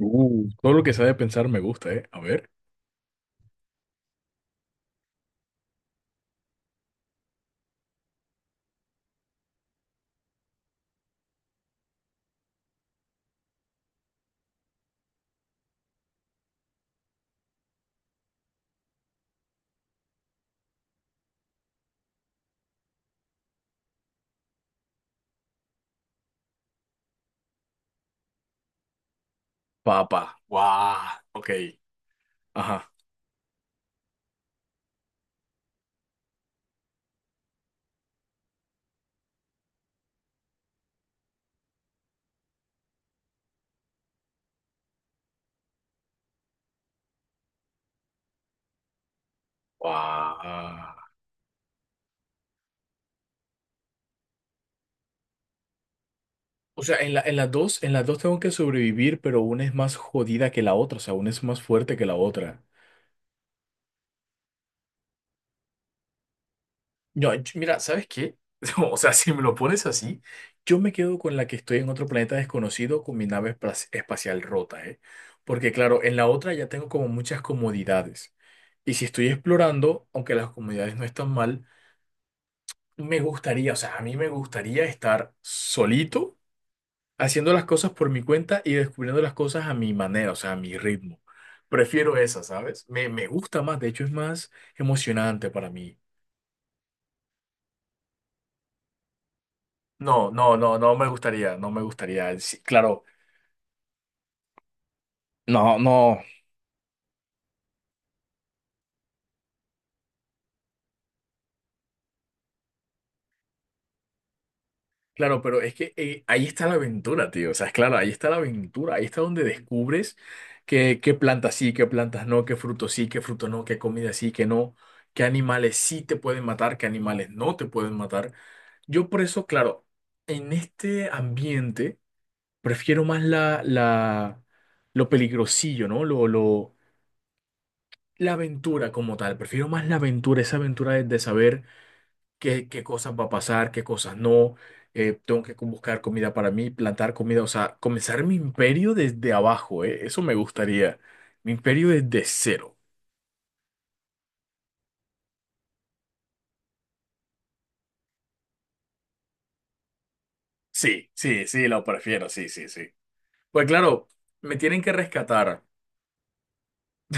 Todo lo que sea de pensar me gusta, ¿eh? A ver. Papa. Guau. Ok. Ajá. Guau. O sea, en las dos tengo que sobrevivir, pero una es más jodida que la otra. O sea, una es más fuerte que la otra. No, mira, ¿sabes qué? O sea, si me lo pones así, yo me quedo con la que estoy en otro planeta desconocido con mi nave espacial rota, ¿eh? Porque claro, en la otra ya tengo como muchas comodidades. Y si estoy explorando, aunque las comodidades no están mal, me gustaría, o sea, a mí me gustaría estar solito haciendo las cosas por mi cuenta y descubriendo las cosas a mi manera, o sea, a mi ritmo. Prefiero esa, ¿sabes? Me gusta más, de hecho es más emocionante para mí. No, no, no, no me gustaría, no me gustaría. Sí, claro, no, no. Claro, pero es que ahí está la aventura, tío. O sea, es claro, ahí está la aventura. Ahí está donde descubres qué plantas sí, qué plantas no, qué frutos sí, qué frutos no, qué comida sí, qué no, qué animales sí te pueden matar, qué animales no te pueden matar. Yo por eso, claro, en este ambiente prefiero más lo peligrosillo, ¿no? La aventura como tal. Prefiero más la aventura, esa aventura de saber qué cosas va a pasar, qué cosas no. Tengo que buscar comida para mí, plantar comida, o sea, comenzar mi imperio desde abajo. Eso me gustaría. Mi imperio desde cero. Sí, sí, sí, lo prefiero, sí, sí, sí. Pues claro, me tienen que rescatar.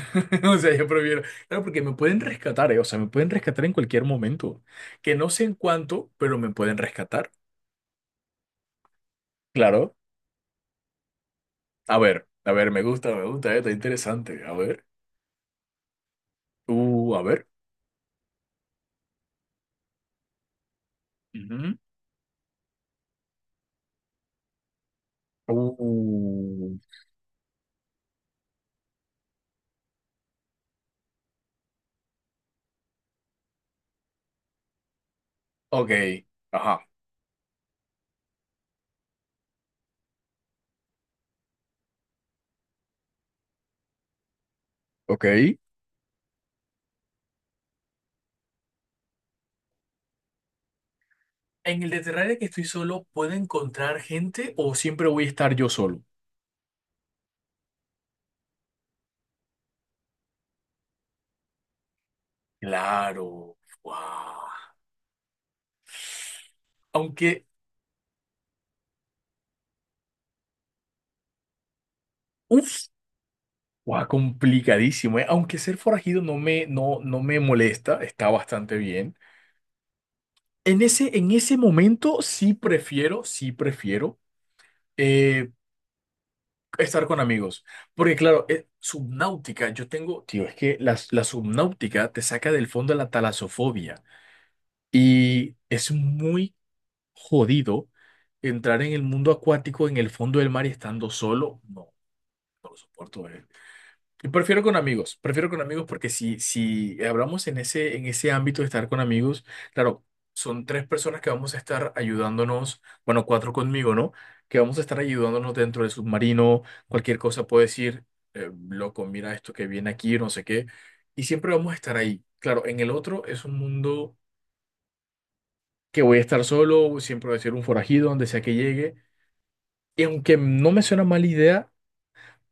O sea, yo prefiero. Claro, porque me pueden rescatar, o sea, me pueden rescatar en cualquier momento. Que no sé en cuánto, pero me pueden rescatar. Claro. A ver, me gusta, me gusta. Está interesante. A ver. A ver. Ujú. Uh. Ok, ajá. Ok. En el de Terraria que estoy solo, ¿puedo encontrar gente o siempre voy a estar yo solo? Claro. Guau. Aunque, uff, guau, complicadísimo, ¿eh? Aunque ser forajido no, no me molesta, está bastante bien. En ese momento sí prefiero eh, estar con amigos. Porque claro, subnáutica, yo tengo, tío, es que la subnáutica te saca del fondo de la talasofobia. Y es muy jodido entrar en el mundo acuático en el fondo del mar y estando solo. No, no lo soporto. Y prefiero con amigos porque si hablamos en ese ámbito de estar con amigos, claro, son tres personas que vamos a estar ayudándonos, bueno, cuatro conmigo, ¿no? Que vamos a estar ayudándonos dentro del submarino, cualquier cosa puedo decir, loco, mira esto que viene aquí, no sé qué. Y siempre vamos a estar ahí. Claro, en el otro es un mundo que voy a estar solo, siempre voy a ser un forajido donde sea que llegue. Y aunque no me suena mala idea,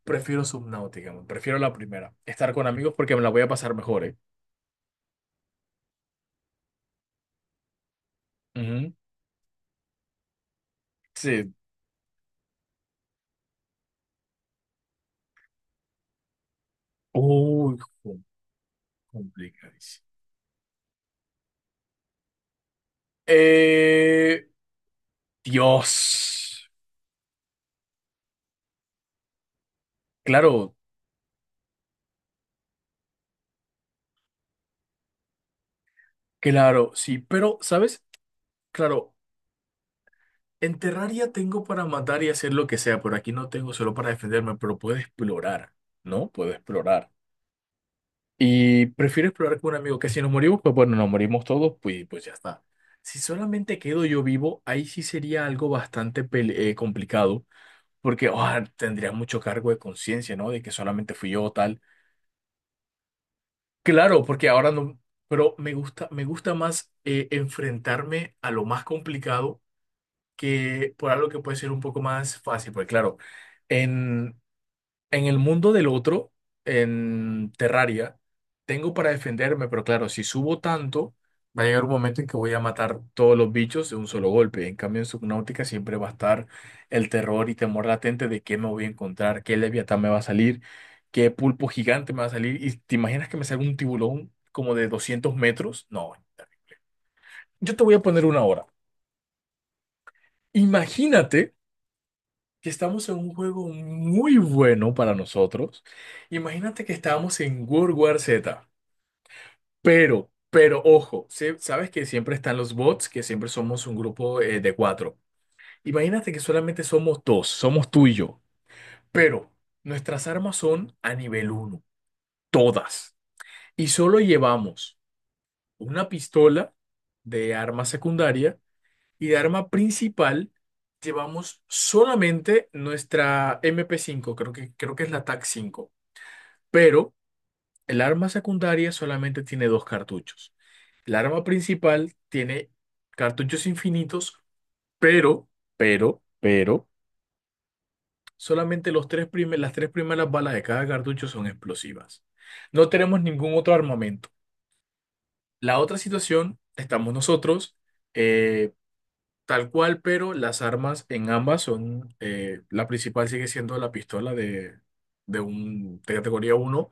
prefiero Subnautica, man, prefiero la primera. Estar con amigos porque me la voy a pasar mejor, ¿eh? Ujú. Sí. Uy, complicadísimo. Eh, Dios. Claro, claro, sí. Pero, ¿sabes? Claro, en Terraria tengo para matar y hacer lo que sea, pero aquí no tengo solo para defenderme, pero puedo explorar, ¿no? Puedo explorar. Y prefiero explorar con un amigo que si nos morimos, pues bueno, nos morimos todos, pues ya está. Si solamente quedo yo vivo, ahí sí sería algo bastante complicado, porque tendría mucho cargo de conciencia, ¿no? De que solamente fui yo tal. Claro, porque ahora no, pero me gusta más enfrentarme a lo más complicado que por algo que puede ser un poco más fácil, porque claro, en, En el mundo del otro, en Terraria, tengo para defenderme, pero claro, si subo tanto, va a llegar un momento en que voy a matar todos los bichos de un solo golpe. En cambio, en Subnautica siempre va a estar el terror y temor latente de qué me voy a encontrar, qué leviatán me va a salir, qué pulpo gigante me va a salir. ¿Y te imaginas que me salga un tiburón como de 200 metros? No, yo te voy a poner una hora. Imagínate que estamos en un juego muy bueno para nosotros. Imagínate que estábamos en World War Z, pero ojo, sabes que siempre están los bots, que siempre somos un grupo de cuatro. Imagínate que solamente somos dos, somos tú y yo, pero nuestras armas son a nivel uno, todas. Y solo llevamos una pistola de arma secundaria y de arma principal llevamos solamente nuestra MP5, creo que es la TAC 5, pero el arma secundaria solamente tiene dos cartuchos. El arma principal tiene cartuchos infinitos, pero, pero, solamente las tres primeras balas de cada cartucho son explosivas. No tenemos ningún otro armamento. La otra situación, estamos nosotros. eh, Tal cual, pero las armas en ambas son, la principal sigue siendo la pistola de categoría uno,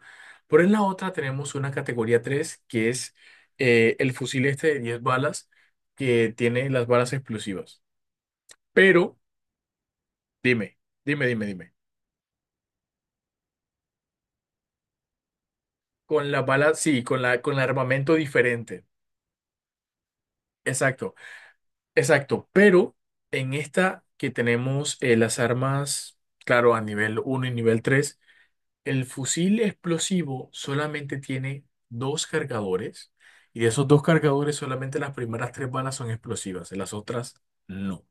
pero en la otra tenemos una categoría 3 que es el fusil este de 10 balas que tiene las balas explosivas. Pero dime, dime, dime, dime. Con la bala, sí, con el armamento diferente. Exacto, exacto. Pero en esta que tenemos las armas, claro, a nivel uno y nivel tres. El fusil explosivo solamente tiene dos cargadores y de esos dos cargadores solamente las primeras tres balas son explosivas, las otras no.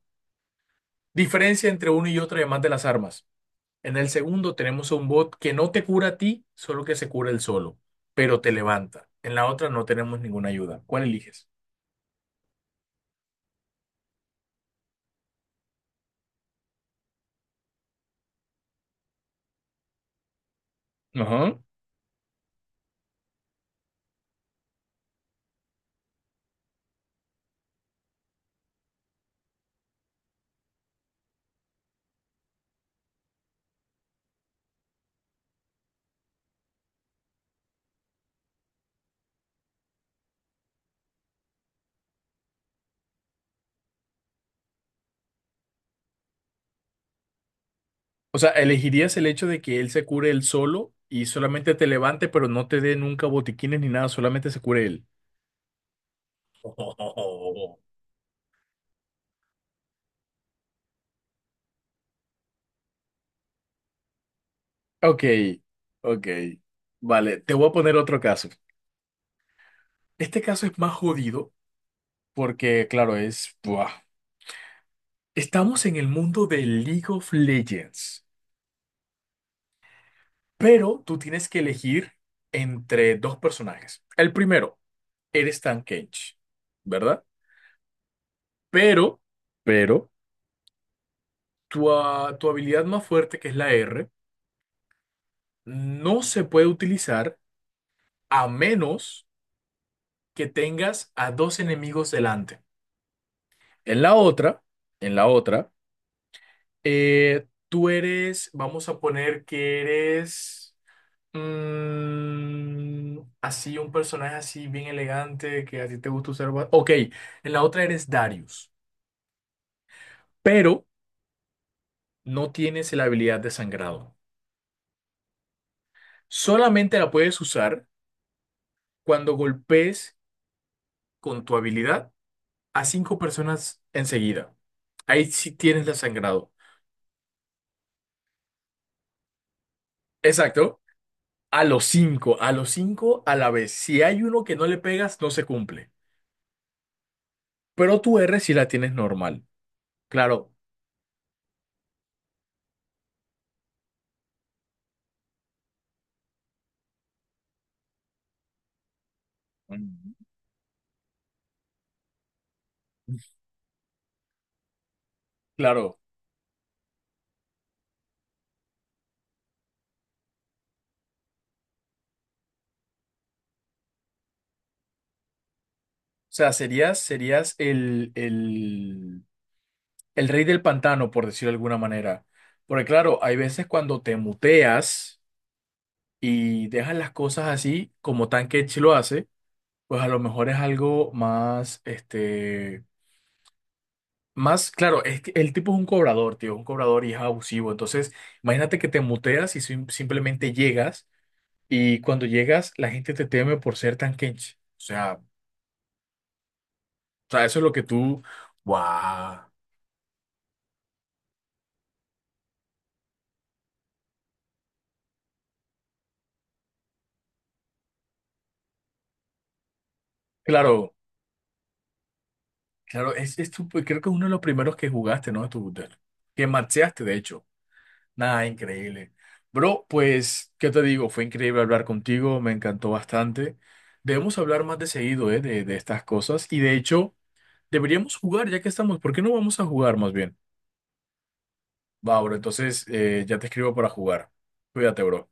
Diferencia entre uno y otro además de las armas. En el segundo tenemos a un bot que no te cura a ti, solo que se cura él solo, pero te levanta. En la otra no tenemos ninguna ayuda. ¿Cuál eliges? Ajá. O sea, ¿elegirías el hecho de que él se cure él solo y solamente te levante, pero no te dé nunca botiquines ni nada, solamente se cure él? Ok, ok. Vale, te voy a poner otro caso. Este caso es más jodido porque, claro, buah. Estamos en el mundo de League of Legends, pero tú tienes que elegir entre dos personajes. El primero, eres Tank Tankage, ¿verdad? Pero, pero, tu habilidad más fuerte, que es la R, no se puede utilizar a menos que tengas a dos enemigos delante. En la otra, en la otra. Tú eres, vamos a poner que eres así, un personaje así bien elegante que a ti te gusta usar. Ok, en la otra eres Darius, pero no tienes la habilidad de sangrado. Solamente la puedes usar cuando golpes con tu habilidad a cinco personas enseguida. Ahí sí tienes la sangrado. Exacto. A los cinco, a los cinco a la vez. Si hay uno que no le pegas, no se cumple. Pero tu R sí la tienes normal. Claro. Ujú. Claro. O sea, serías el rey del pantano, por decirlo de alguna manera. Porque claro, hay veces cuando te muteas y dejas las cosas así, como Tankech lo hace, pues a lo mejor es algo más, claro, es que el tipo es un cobrador, tío, un cobrador y es abusivo. Entonces, imagínate que te muteas y simplemente llegas y cuando llegas la gente te teme por ser Tankech. O sea, eso es lo que tú, wow. Claro, claro, pues, creo que es uno de los primeros que jugaste, ¿no? Que maxeaste, de hecho. Nada, increíble. Bro, pues, ¿qué te digo? Fue increíble hablar contigo, me encantó bastante. Debemos hablar más de seguido, ¿eh? De estas cosas. Y de hecho, deberíamos jugar, ya que estamos. ¿Por qué no vamos a jugar más bien? Va, bro, entonces ya te escribo para jugar. Cuídate, bro.